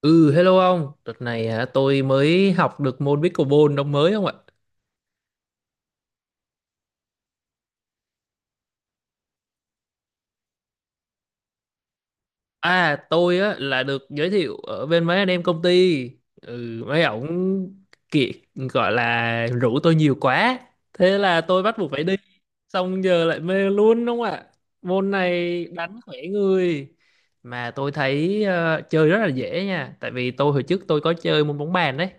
Ừ, hello ông. Đợt này hả, tôi mới học được môn pickleball ông mới không ạ? À tôi á là được giới thiệu ở bên mấy anh em công ty mấy ổng kiệt gọi là rủ tôi nhiều quá, thế là tôi bắt buộc phải đi, xong giờ lại mê luôn đúng không ạ? Môn này đánh khỏe người, mà tôi thấy chơi rất là dễ nha, tại vì tôi hồi trước tôi có chơi môn bóng bàn đấy,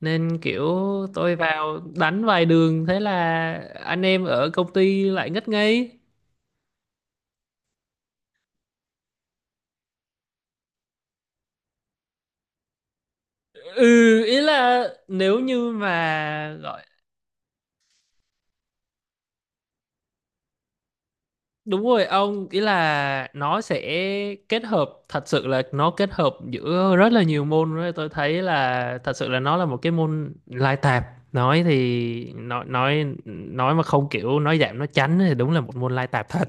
nên kiểu tôi vào đánh vài đường thế là anh em ở công ty lại ngất ngây. Ừ, ý là nếu như mà gọi. Đúng rồi ông, ý là nó sẽ kết hợp, thật sự là nó kết hợp giữa rất là nhiều môn đấy. Tôi thấy là thật sự là nó là một cái môn lai tạp. Nói thì nói mà không kiểu nói giảm nói tránh thì đúng là một môn lai tạp thật.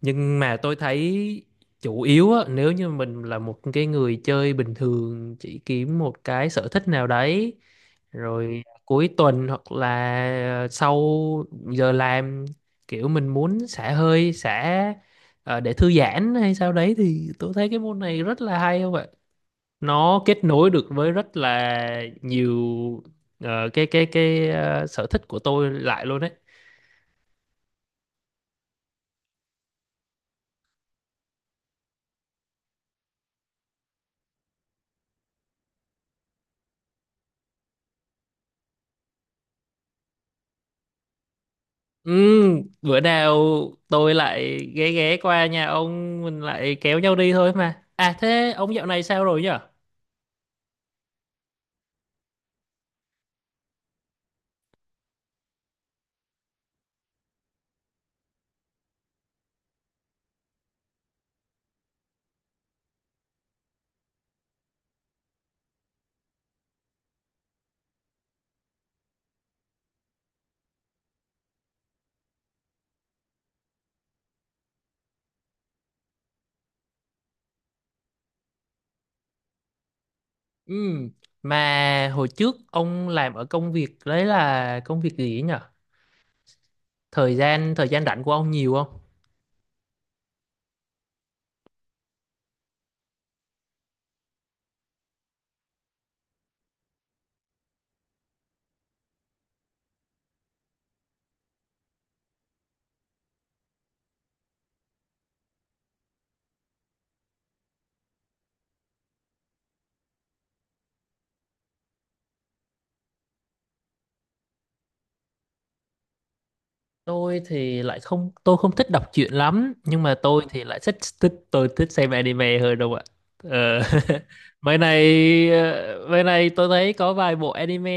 Nhưng mà tôi thấy chủ yếu á, nếu như mình là một cái người chơi bình thường chỉ kiếm một cái sở thích nào đấy rồi cuối tuần hoặc là sau giờ làm, kiểu mình muốn xả hơi, xả để thư giãn hay sao đấy, thì tôi thấy cái môn này rất là hay không ạ? Nó kết nối được với rất là nhiều cái sở thích của tôi lại luôn đấy. Ừ, bữa nào tôi lại ghé ghé qua nhà ông mình lại kéo nhau đi thôi mà. À thế ông dạo này sao rồi nhở? Ừ, mà hồi trước ông làm ở công việc đấy là công việc gì ấy nhở? Thời gian rảnh của ông nhiều không? Tôi thì lại không, tôi không thích đọc truyện lắm, nhưng mà tôi thì lại thích thích, tôi thích xem anime hơn đâu ạ. Ờ, mấy này mấy này tôi thấy có vài bộ anime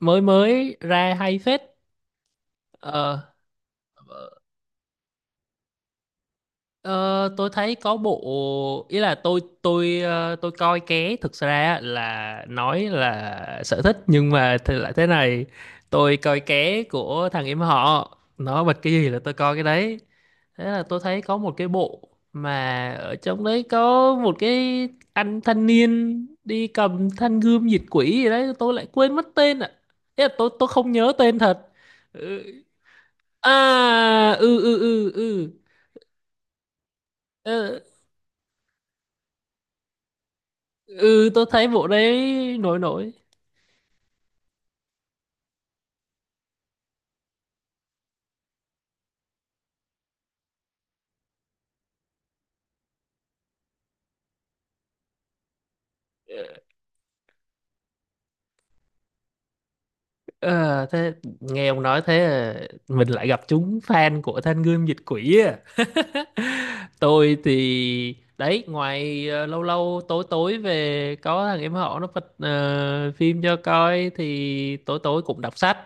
mới mới ra hay phết. Ờ. Ờ, tôi thấy có bộ, ý là tôi tôi coi ké thực ra á, là nói là sở thích nhưng mà thì lại thế này, tôi coi ké của thằng em họ, nó bật cái gì là tôi coi cái đấy, thế là tôi thấy có một cái bộ mà ở trong đấy có một cái anh thanh niên đi cầm thanh gươm diệt quỷ gì đấy, tôi lại quên mất tên ạ. Ý là tôi không nhớ tên thật. Ừ. À ừ ừ ừ ừ. Ờ, ừ tôi thấy bộ đấy nổi nổi. Ờ, thế nghe ông nói thế à, mình lại gặp chúng fan của Thanh Gươm Dịch Quỷ à. Tôi thì đấy ngoài lâu lâu tối tối về có thằng em họ nó bật phim cho coi thì tối tối cũng đọc sách.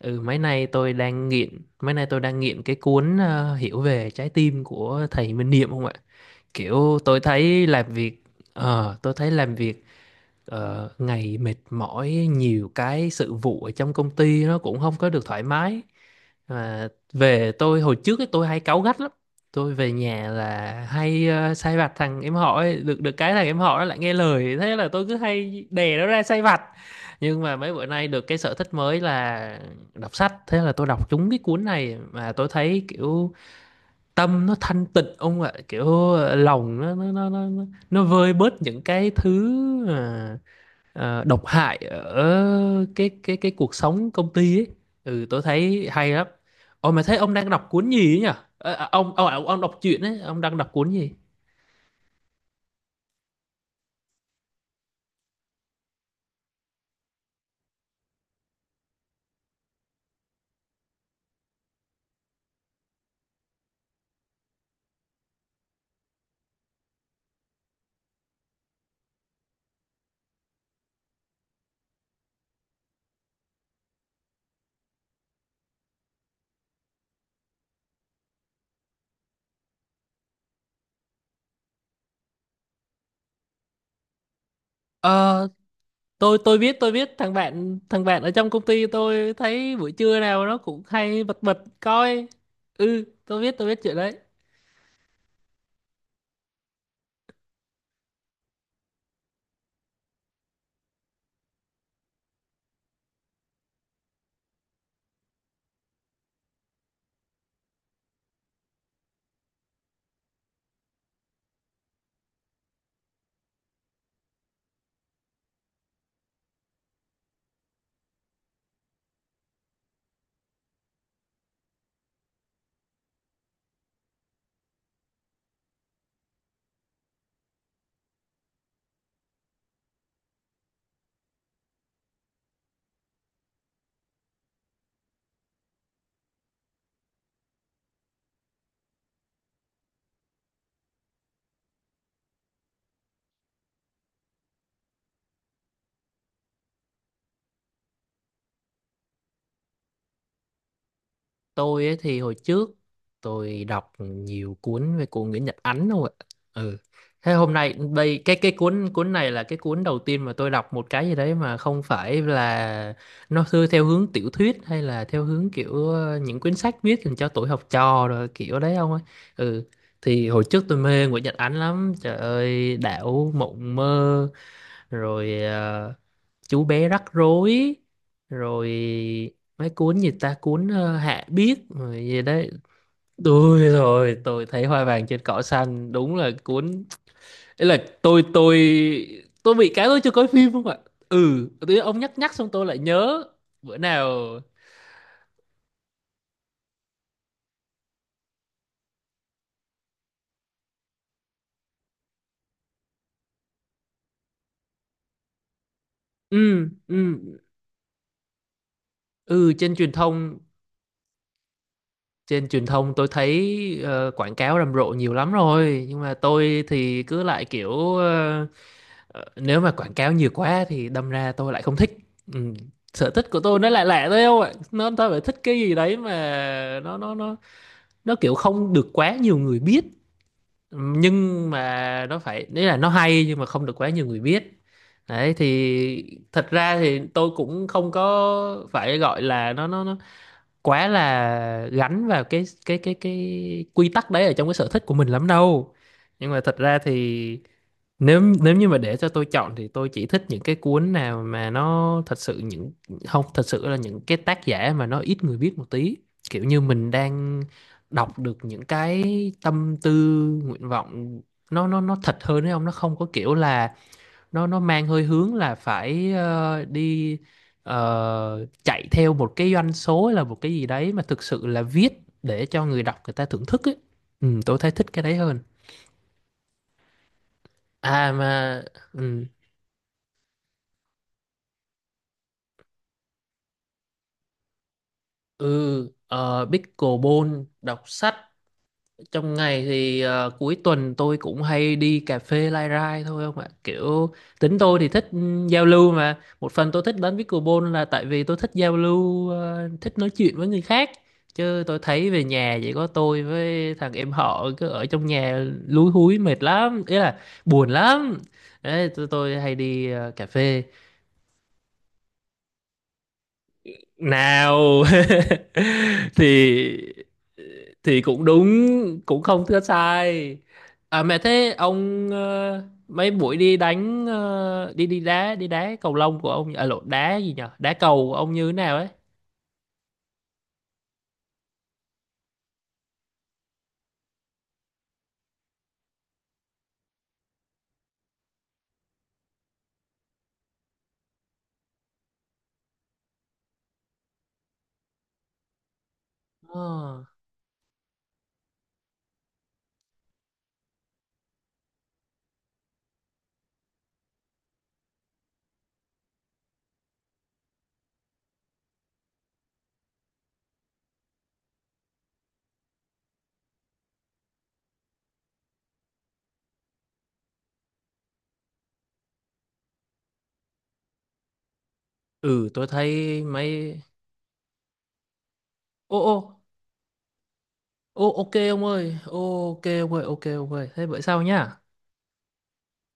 Ừ, mấy nay tôi đang nghiện, cái cuốn Hiểu về trái tim của thầy Minh Niệm không ạ? Kiểu tôi thấy làm việc ờ tôi thấy làm việc ngày mệt mỏi, nhiều cái sự vụ ở trong công ty nó cũng không có được thoải mái. Mà về, tôi hồi trước ấy, tôi hay cáu gắt lắm, tôi về nhà là hay sai vặt thằng em họ ấy. Được được cái thằng em họ nó lại nghe lời, thế là tôi cứ hay đè nó ra sai vặt. Nhưng mà mấy bữa nay được cái sở thích mới là đọc sách, thế là tôi đọc trúng cái cuốn này mà tôi thấy kiểu tâm nó thanh tịnh ông ạ, kiểu lòng nó nó vơi bớt những cái thứ ờ, độc hại ở cái cái cuộc sống công ty ấy. Ừ, tôi thấy hay lắm. Ồ, mà thấy ông đang đọc cuốn gì ấy nhỉ? Ờ, à, ông đọc truyện ấy, ông đang đọc cuốn gì? Ờ, tôi biết, tôi biết thằng bạn, thằng bạn ở trong công ty tôi thấy buổi trưa nào nó cũng hay bật bật coi. Ừ, tôi biết chuyện đấy. Tôi ấy thì hồi trước tôi đọc nhiều cuốn về của Nguyễn Nhật Ánh thôi ạ. Ừ, thế hôm nay đây cái cuốn cuốn này là cái cuốn đầu tiên mà tôi đọc một cái gì đấy mà không phải là nó thư theo hướng tiểu thuyết, hay là theo hướng kiểu những quyển sách viết dành cho tuổi học trò rồi kiểu đấy không ấy. Ừ, thì hồi trước tôi mê Nguyễn Nhật Ánh lắm, trời ơi, Đảo mộng mơ rồi Chú bé rắc rối rồi mấy cuốn gì ta, cuốn Hạ Biết rồi gì đấy. Tôi rồi, tôi thấy hoa vàng trên cỏ xanh đúng là cuốn ấy, là tôi tôi bị cái tôi chưa coi phim không ạ? Ừ, tự nhiên ông nhắc nhắc xong tôi lại nhớ. Bữa nào. Ừ ừ ừ trên truyền thông, trên truyền thông tôi thấy quảng cáo rầm rộ nhiều lắm rồi, nhưng mà tôi thì cứ lại kiểu nếu mà quảng cáo nhiều quá thì đâm ra tôi lại không thích. Ừ. Sở thích của tôi nó lại lạ thôi không ạ, nó tôi phải thích cái gì đấy mà nó nó kiểu không được quá nhiều người biết. Ừ, nhưng mà nó phải đấy là nó hay nhưng mà không được quá nhiều người biết. Đấy thì thật ra thì tôi cũng không có phải gọi là nó quá là gắn vào cái cái quy tắc đấy ở trong cái sở thích của mình lắm đâu, nhưng mà thật ra thì nếu nếu như mà để cho tôi chọn thì tôi chỉ thích những cái cuốn nào mà nó thật sự, không, thật sự là những cái tác giả mà nó ít người biết một tí, kiểu như mình đang đọc được những cái tâm tư, nguyện vọng, nó thật hơn đấy ông, nó không có kiểu là nó mang hơi hướng là phải đi chạy theo một cái doanh số hay là một cái gì đấy, mà thực sự là viết để cho người đọc, người ta thưởng thức ấy. Ừ, tôi thấy thích cái đấy hơn. À mà, ừ, ừ pickleball, đọc sách, trong ngày thì cuối tuần tôi cũng hay đi cà phê lai rai thôi không ạ, kiểu tính tôi thì thích, ừ, giao lưu, mà một phần tôi thích đánh pickleball là tại vì tôi thích giao lưu, thích nói chuyện với người khác, chứ tôi thấy về nhà chỉ có tôi với thằng em họ cứ ở trong nhà lúi húi mệt lắm, ý là buồn lắm. Đấy, tôi hay đi cà phê nào. Thì cũng đúng, cũng không thưa sai. À mẹ, thế ông mấy buổi đi đánh đi đi đá cầu lông của ông, à lộn đá gì nhở, đá cầu của ông như thế nào ấy? Ờ. Ừ tôi thấy mấy. Ô ô, ô ok ông ơi, ô, ok ông ơi thế vậy sao nhá.